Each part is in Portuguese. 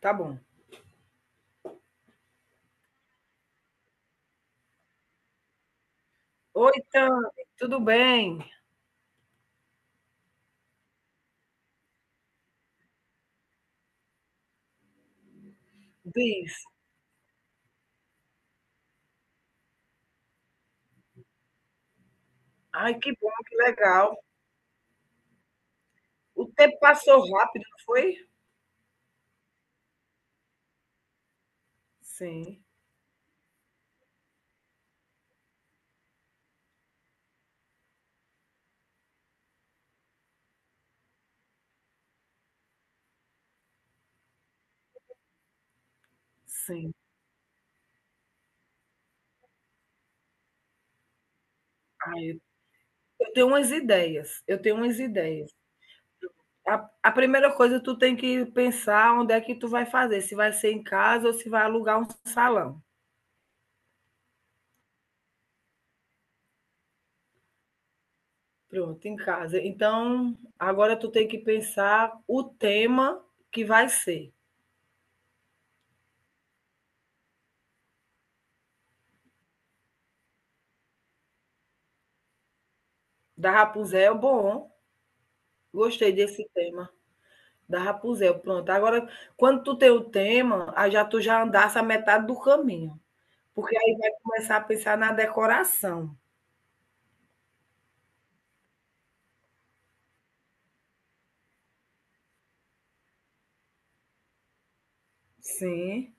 Tá bom. Oi, Tami, tudo bem? Diz. Ai, que bom, que legal. O tempo passou rápido, não foi? Sim, sim. Ai, eu tenho umas ideias. A primeira coisa, tu tem que pensar onde é que tu vai fazer, se vai ser em casa ou se vai alugar um salão. Pronto, em casa. Então, agora tu tem que pensar o tema que vai ser. Da Rapunzel, é bom, gostei desse tema. Da Rapunzel, pronto. Agora, quando tu tem o tema, aí já tu já andasse a metade do caminho, porque aí vai começar a pensar na decoração. Sim,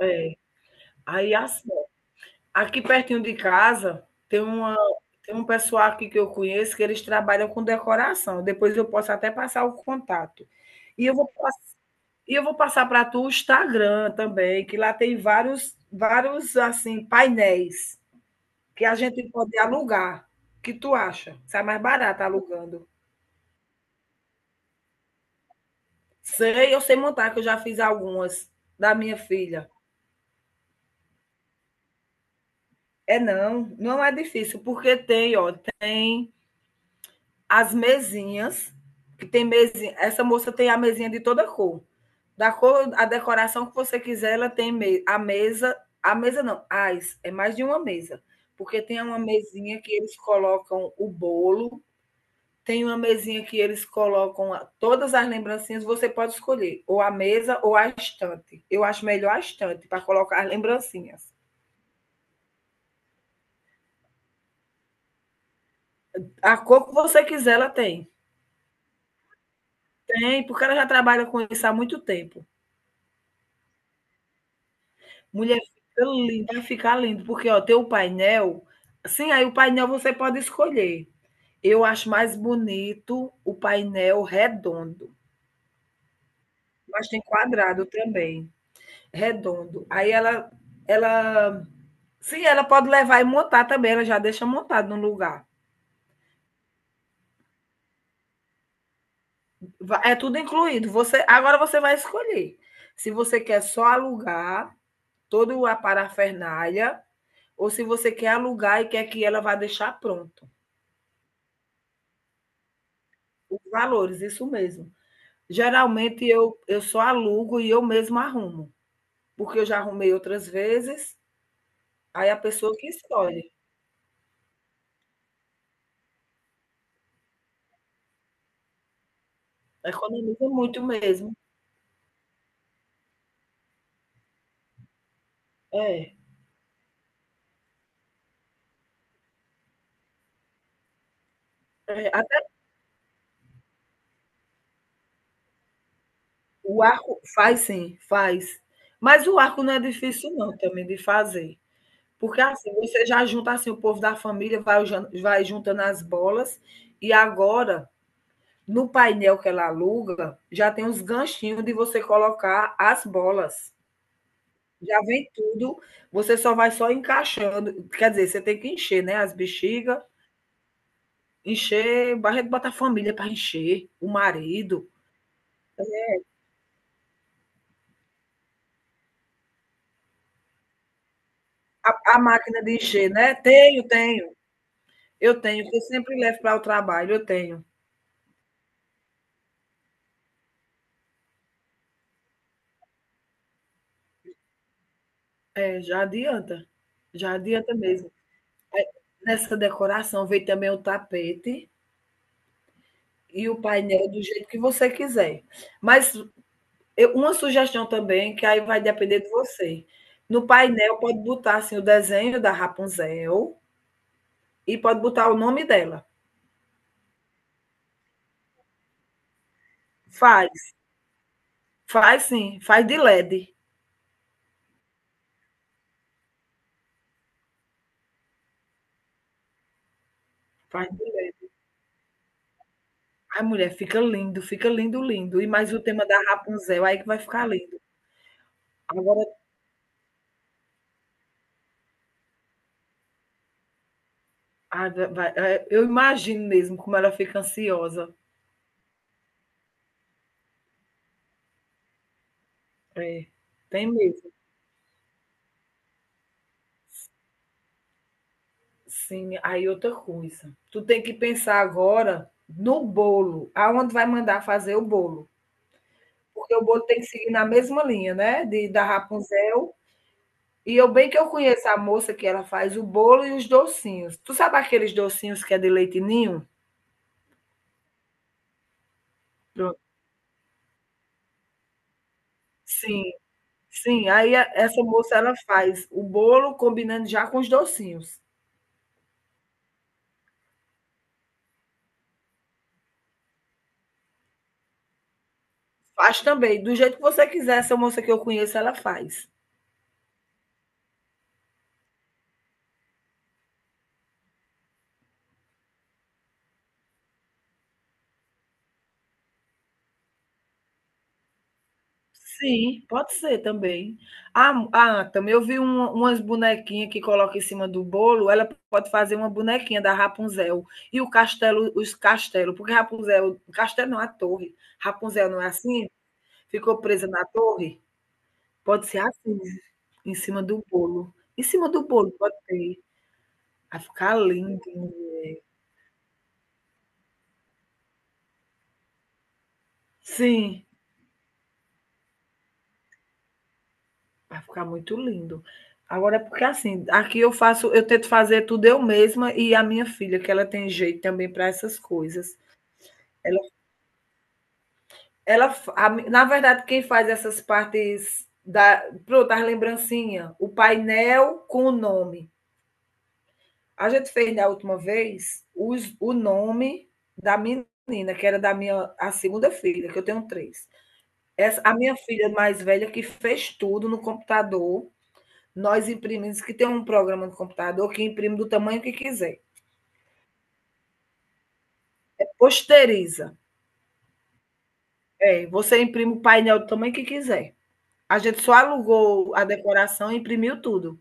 é. Aí assim, aqui pertinho de casa tem um pessoal aqui que eu conheço que eles trabalham com decoração. Depois eu posso até passar o contato. E eu vou pass- e eu vou passar para tu o Instagram também, que lá tem vários assim painéis que a gente pode alugar. O que tu acha? Sai mais barato alugando. Sei, eu sei montar, que eu já fiz algumas da minha filha. É não, não é difícil, porque tem, ó, tem as mesinhas, que tem mesinha. Essa moça tem a mesinha de toda cor. Da cor, a decoração que você quiser, ela tem me a mesa. A mesa não, as, é mais de uma mesa. Porque tem uma mesinha que eles colocam o bolo, tem uma mesinha que eles colocam todas as lembrancinhas, você pode escolher, ou a mesa ou a estante. Eu acho melhor a estante para colocar as lembrancinhas. A cor que você quiser, ela tem. Tem, porque ela já trabalha com isso há muito tempo. Mulher, fica lindo, vai ficar lindo, porque ó, tem o painel. Sim, aí o painel você pode escolher. Eu acho mais bonito o painel redondo, mas tem quadrado também, redondo. Aí ela ela sim, ela pode levar e montar também, ela já deixa montado no lugar. É tudo incluído. Você agora você vai escolher se você quer só alugar toda a parafernália ou se você quer alugar e quer que ela vá deixar pronto. Os valores, isso mesmo. Geralmente eu só alugo e eu mesma arrumo, porque eu já arrumei outras vezes, aí a pessoa que escolhe. Economiza muito mesmo. É. É, o arco faz sim, faz. Mas o arco não é difícil não também de fazer, porque assim, você já junta assim o povo da família, vai juntando as bolas, e agora no painel que ela aluga, já tem uns ganchinhos de você colocar as bolas. Já vem tudo, você só vai só encaixando, quer dizer, você tem que encher, né, as bexigas encher, Barreto bota a família para encher, o marido, a máquina de encher, né? Tenho, tenho. Eu tenho, que eu sempre levo para o trabalho, eu tenho. É, já adianta. Já adianta mesmo. Nessa decoração veio também o tapete e o painel do jeito que você quiser. Mas uma sugestão também, que aí vai depender de você. No painel pode botar assim o desenho da Rapunzel e pode botar o nome dela. Faz, faz sim, faz de LED. Faz de LED. Ai, mulher, fica lindo, lindo. E mais o tema da Rapunzel aí que vai ficar lindo. Agora ah, vai, é, eu imagino mesmo como ela fica ansiosa. É, tem mesmo. Sim, aí outra coisa. Tu tem que pensar agora no bolo, aonde vai mandar fazer o bolo. Porque o bolo tem que seguir na mesma linha, né? De, da Rapunzel. E eu bem que eu conheço a moça que ela faz o bolo e os docinhos. Tu sabe aqueles docinhos que é de leite ninho? Pronto. Sim, sim. Essa moça ela faz o bolo combinando já com os docinhos. Faz também. Do jeito que você quiser, essa moça que eu conheço, ela faz. Sim. Pode ser também. Ah, ah também eu vi umas bonequinhas que coloca em cima do bolo. Ela pode fazer uma bonequinha da Rapunzel. E o castelo, os castelos, porque Rapunzel, castelo não, a torre. Rapunzel não é assim? Ficou presa na torre? Pode ser assim, em cima do bolo. Em cima do bolo, pode ter. Vai ficar lindo. Sim. Vai ficar muito lindo. Agora, porque assim, aqui eu faço, eu tento fazer tudo eu mesma e a minha filha, que ela tem jeito também para essas coisas. Ela, ela, fa- a mi- Na verdade, quem faz essas partes da, pronto, as lembrancinhas, o painel com o nome. A gente fez da última vez os, o nome da menina, que era da minha, a segunda filha, que eu tenho três. Essa, a minha filha mais velha que fez tudo no computador. Nós imprimimos, que tem um programa no computador que imprime do tamanho que quiser. Posteriza. É, você imprime o painel do tamanho que quiser. A gente só alugou a decoração e imprimiu tudo.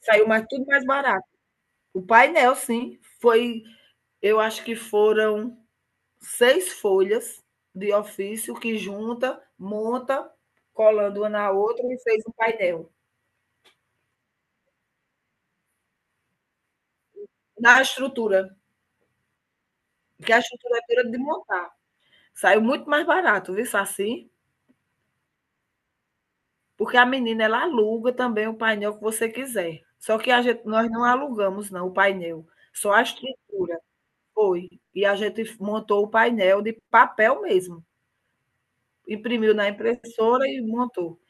Saiu mais tudo mais barato. O painel, sim, foi, eu acho que foram seis folhas de ofício que junta, monta, colando uma na outra e fez um painel. Na estrutura, que a estrutura é de montar. Saiu muito mais barato, viu, Saci? Porque a menina ela aluga também o painel que você quiser. Só que a gente nós não alugamos não o painel, só a estrutura. Foi. E a gente montou o painel de papel mesmo, imprimiu na impressora e montou.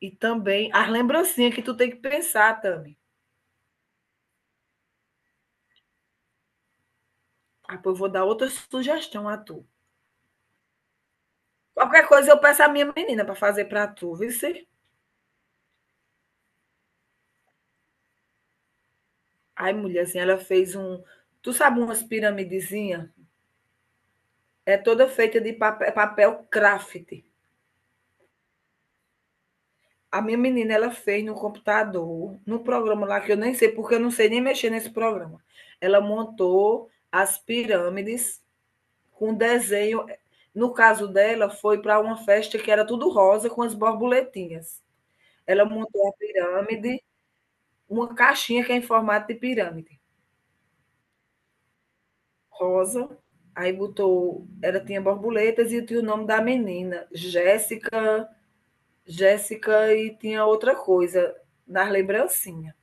E também as lembrancinhas que tu tem que pensar, Tami. Ah, pô, eu vou dar outra sugestão a tu. Qualquer coisa eu peço à minha menina para fazer para tu, viu? Cê? Aí, mulherzinha, ela fez um. Tu sabe umas piramidezinhas? É toda feita de papel, papel craft. A minha menina, ela fez no computador, no programa lá que eu nem sei, porque eu não sei nem mexer nesse programa. Ela montou as pirâmides com desenho. No caso dela, foi para uma festa que era tudo rosa com as borboletinhas. Ela montou a pirâmide, uma caixinha que é em formato de pirâmide, rosa. Aí botou, ela tinha borboletas e tinha o nome da menina, Jéssica, e tinha outra coisa nas lembrancinhas.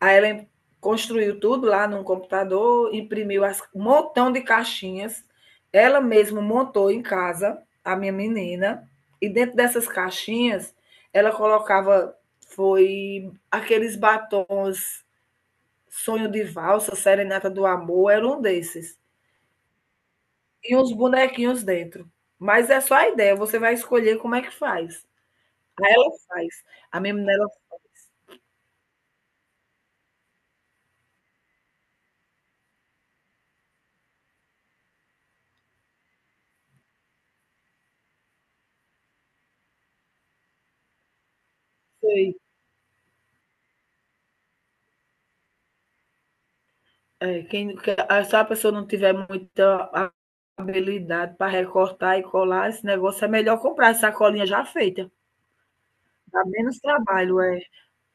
A Ellen construiu tudo lá num computador, imprimiu as, um montão de caixinhas. Ela mesma montou em casa, a minha menina, e dentro dessas caixinhas ela colocava foi aqueles batons Sonho de Valsa, Serenata do Amor, era um desses. E uns bonequinhos dentro. Mas é só a ideia, você vai escolher como é que faz. Aí ela faz. A minha menina fez é, quem, ah, se a pessoa não tiver muita habilidade para recortar e colar, esse negócio é melhor comprar essa sacolinha já feita. Dá menos trabalho, é.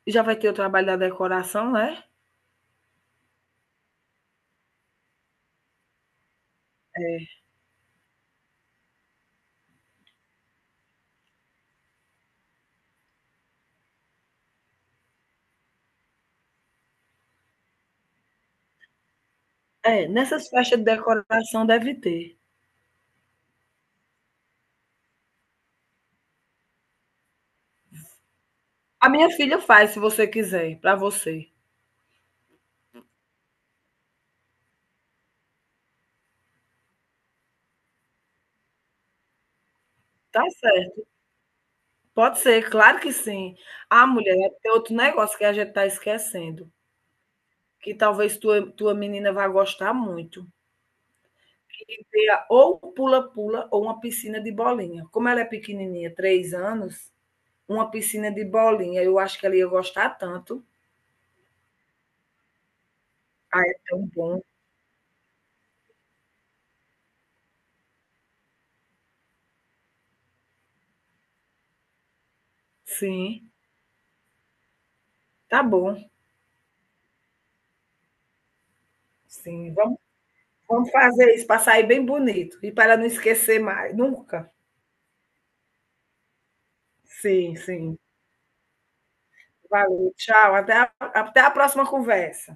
E já vai ter o trabalho da decoração, né? É. É, nessas festas de decoração deve ter. A minha filha faz, se você quiser, para você. Tá certo. Pode ser, claro que sim. Ah, mulher, tem outro negócio que a gente tá esquecendo, que talvez tua menina vá gostar muito. Ter ou pula-pula ou uma piscina de bolinha. Como ela é pequenininha, 3 anos, uma piscina de bolinha, eu acho que ela ia gostar tanto. Ah, é tão bom. Sim, tá bom. Sim, vamos fazer isso para sair bem bonito e para não esquecer mais, nunca. Sim. Valeu, tchau. Até a próxima conversa.